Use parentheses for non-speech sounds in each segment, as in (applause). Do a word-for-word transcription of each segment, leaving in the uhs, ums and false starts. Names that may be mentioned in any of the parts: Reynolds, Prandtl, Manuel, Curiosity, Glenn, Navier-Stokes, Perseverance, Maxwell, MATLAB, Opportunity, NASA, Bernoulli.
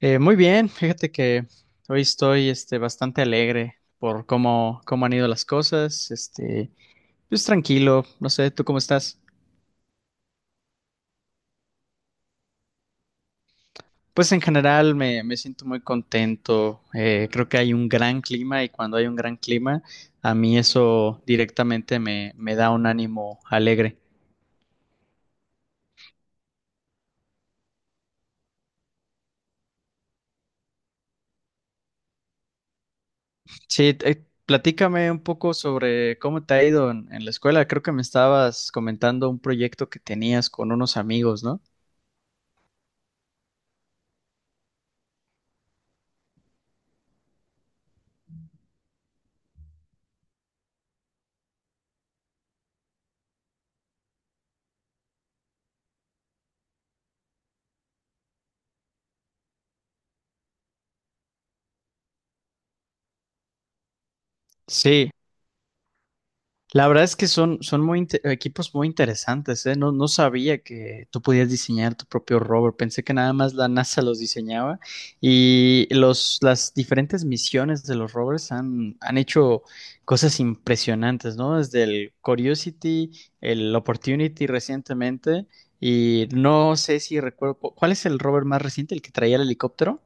Eh, muy bien, fíjate que hoy estoy este, bastante alegre por cómo, cómo han ido las cosas, este, pues tranquilo, no sé, ¿tú cómo estás? Pues en general me, me siento muy contento, eh, creo que hay un gran clima y cuando hay un gran clima, a mí eso directamente me, me da un ánimo alegre. Sí, te- platícame un poco sobre cómo te ha ido en, en la escuela, creo que me estabas comentando un proyecto que tenías con unos amigos, ¿no? Sí. La verdad es que son, son muy inte- equipos muy interesantes, ¿eh? No, no sabía que tú podías diseñar tu propio rover. Pensé que nada más la NASA los diseñaba y los, las diferentes misiones de los rovers han, han hecho cosas impresionantes, ¿no? Desde el Curiosity, el Opportunity recientemente y no sé si recuerdo, ¿cuál es el rover más reciente, el que traía el helicóptero?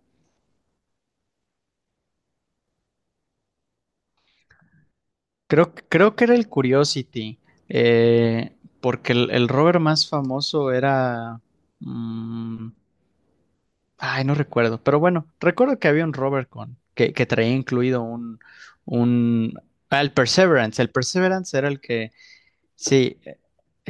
Creo, creo que era el Curiosity, eh, porque el, el rover más famoso era mm, ay, no recuerdo, pero bueno, recuerdo que había un rover con, que, que traía incluido un, un... ah, el Perseverance, el Perseverance era el que. Sí, eh,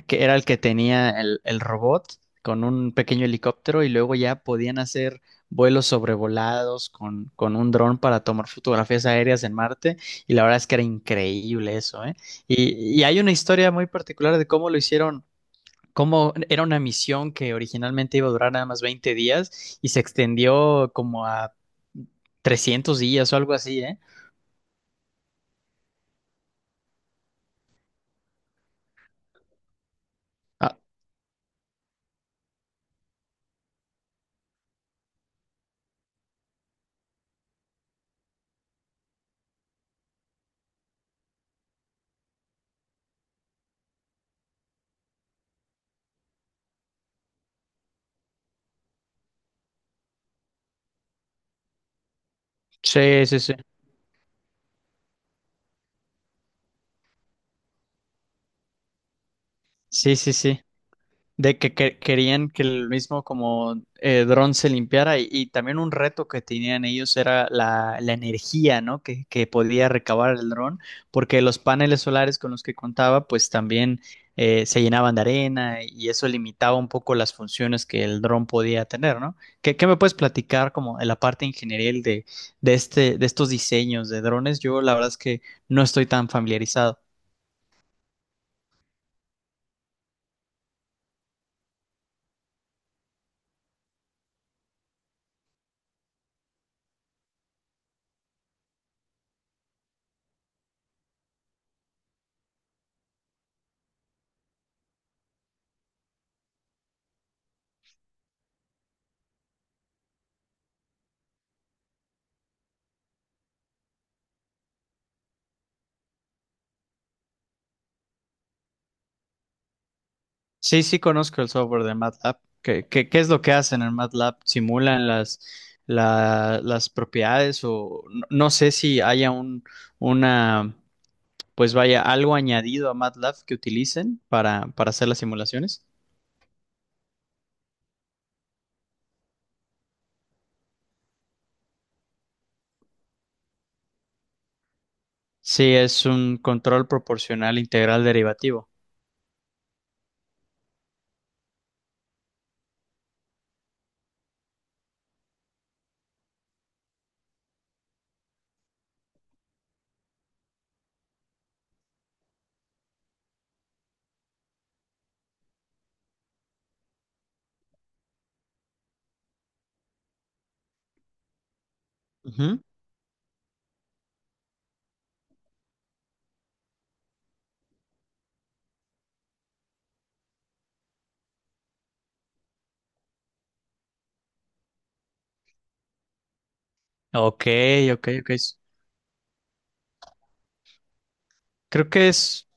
que era el que tenía el, el robot con un pequeño helicóptero y luego ya podían hacer vuelos sobrevolados con, con un dron para tomar fotografías aéreas en Marte y la verdad es que era increíble eso, ¿eh? Y, y hay una historia muy particular de cómo lo hicieron. Cómo era una misión que originalmente iba a durar nada más veinte días y se extendió como a trescientos días o algo así, ¿eh? Ah, sí, sí, sí. Sí, sí, sí. De que, que- querían que el mismo como eh, dron se limpiara y, y también un reto que tenían ellos era la, la energía, ¿no? Que, que podía recabar el dron, porque los paneles solares con los que contaba pues también eh, se llenaban de arena y eso limitaba un poco las funciones que el dron podía tener, ¿no? ¿Qué, ¿qué me puedes platicar como en la parte ingenieril de, de, este, de estos diseños de drones? Yo la verdad es que no estoy tan familiarizado. Sí, sí conozco el software de MATLAB. ¿Qué, qué, ¿qué es lo que hacen en MATLAB? ¿Simulan las, la- las propiedades o no, no sé si haya un, una, pues vaya, algo añadido a MATLAB que utilicen para, para hacer las simulaciones? Sí, es un control proporcional integral derivativo. Ujú. Ok, ok, ok. Creo que es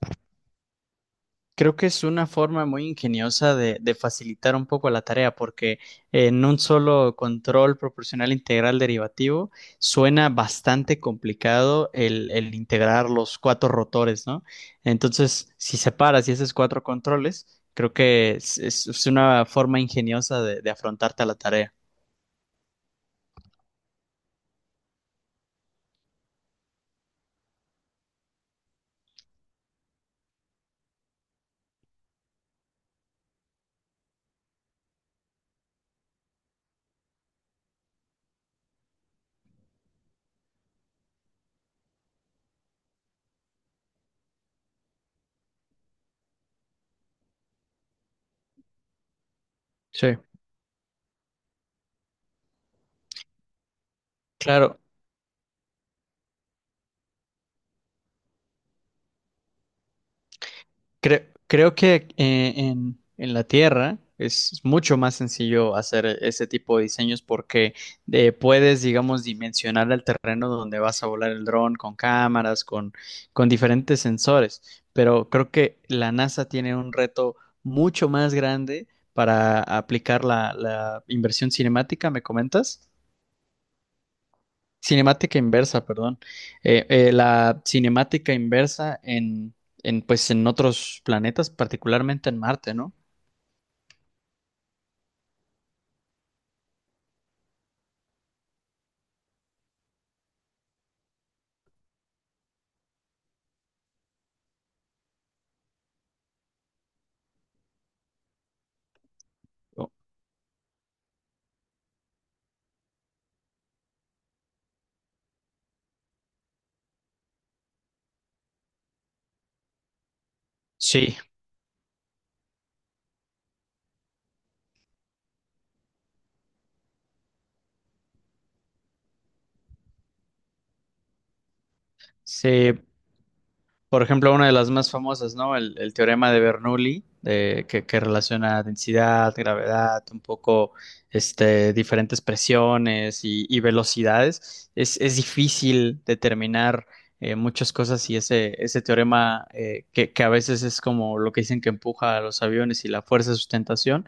Creo que es una forma muy ingeniosa de, de facilitar un poco la tarea, porque en un solo control proporcional integral derivativo suena bastante complicado el, el integrar los cuatro rotores, ¿no? Entonces, si separas y haces cuatro controles, creo que es, es- es una forma ingeniosa de, de afrontarte a la tarea. Sí. Claro. Creo, creo que eh, en, en la Tierra es mucho más sencillo hacer ese tipo de diseños porque eh, puedes, digamos, dimensionar el terreno donde vas a volar el dron con cámaras, con, con diferentes sensores. Pero creo que la NASA tiene un reto mucho más grande para aplicar la, la inversión cinemática, ¿me comentas? Cinemática inversa, perdón. Eh, eh, la cinemática inversa en, en, pues, en otros planetas, particularmente en Marte, ¿no? Oh, sí, sí. Por ejemplo, una de las más famosas, ¿no? El, el teorema de Bernoulli, eh, que, que relaciona densidad, gravedad, un poco este, diferentes presiones y, y velocidades. Es, es difícil determinar eh, muchas cosas y ese, ese teorema eh, que, que a veces es como lo que dicen que empuja a los aviones y la fuerza de sustentación,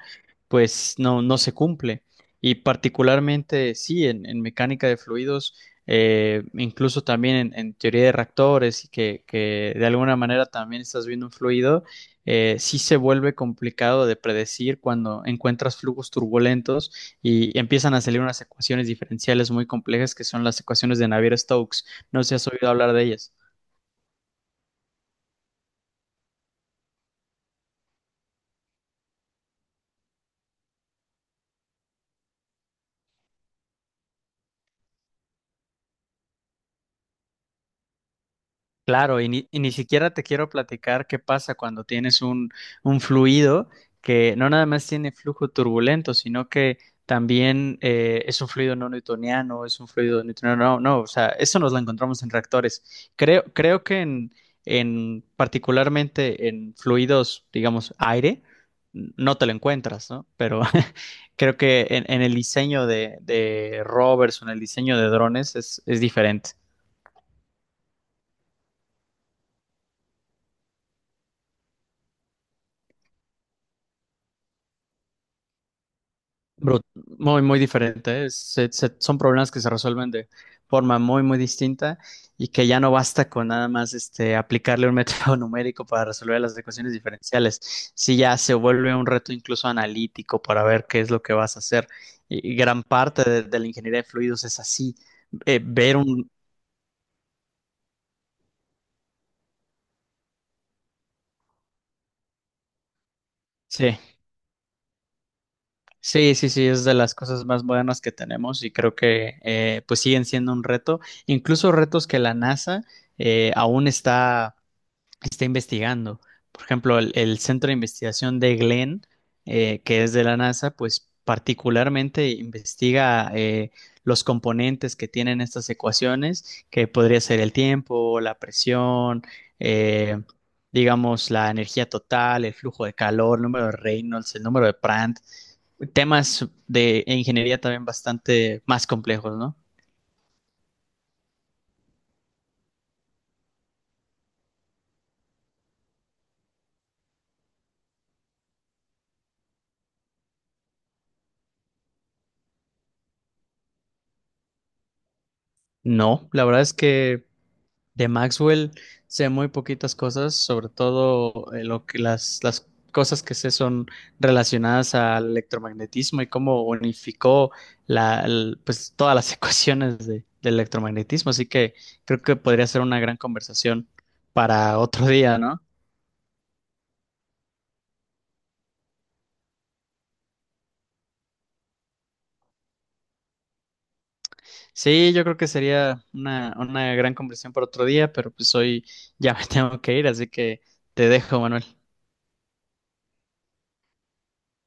pues no, no se cumple. Y particularmente, sí, en, en mecánica de fluidos eh, incluso también en, en teoría de reactores, y que, que de alguna manera también estás viendo un fluido, eh, sí se vuelve complicado de predecir cuando encuentras flujos turbulentos y empiezan a salir unas ecuaciones diferenciales muy complejas que son las ecuaciones de Navier-Stokes. No sé si has oído hablar de ellas. Claro, y ni, y ni siquiera te quiero platicar qué pasa cuando tienes un, un fluido que no nada más tiene flujo turbulento, sino que también eh, es un fluido no newtoniano, es un fluido newtoniano, no, no, o sea, eso nos lo encontramos en reactores. Creo, creo que en, en particularmente en fluidos, digamos, aire, n- no te lo encuentras, ¿no? Pero (laughs) creo que en, en el diseño de, de rovers o en el diseño de drones es, es diferente. Bru- muy, muy diferente. ¿Eh? Se- se- son problemas que se resuelven de forma muy, muy distinta y que ya no basta con nada más este, aplicarle un método (laughs) numérico para resolver las ecuaciones diferenciales. Si ya se vuelve un reto incluso analítico para ver qué es lo que vas a hacer. Y, y gran parte de, de la ingeniería de fluidos es así. Eh, ver un... Sí, sí, sí, sí, es de las cosas más modernas que tenemos y creo que eh, pues siguen siendo un reto, incluso retos que la NASA eh, aún está está investigando. Por ejemplo, el, el Centro de Investigación de Glenn, eh, que es de la NASA, pues particularmente investiga eh, los componentes que tienen estas ecuaciones, que podría ser el tiempo, la presión, eh, digamos, la energía total, el flujo de calor, el número de Reynolds, el número de Prandtl, temas de ingeniería también bastante más complejos, ¿no? No, la verdad es que de Maxwell sé muy poquitas cosas, sobre todo eh, lo que las, las cosas que sé son relacionadas al electromagnetismo y cómo unificó la, el- pues, todas las (laughs) ecuaciones de- del electromagnetismo. Así que creo que podría ser una gran conversación para otro día, ¿no? Sí, yo creo que sería una, una gran conversación para otro día, pero pues hoy ya me (laughs) tengo que ir, así que te dejo, Manuel.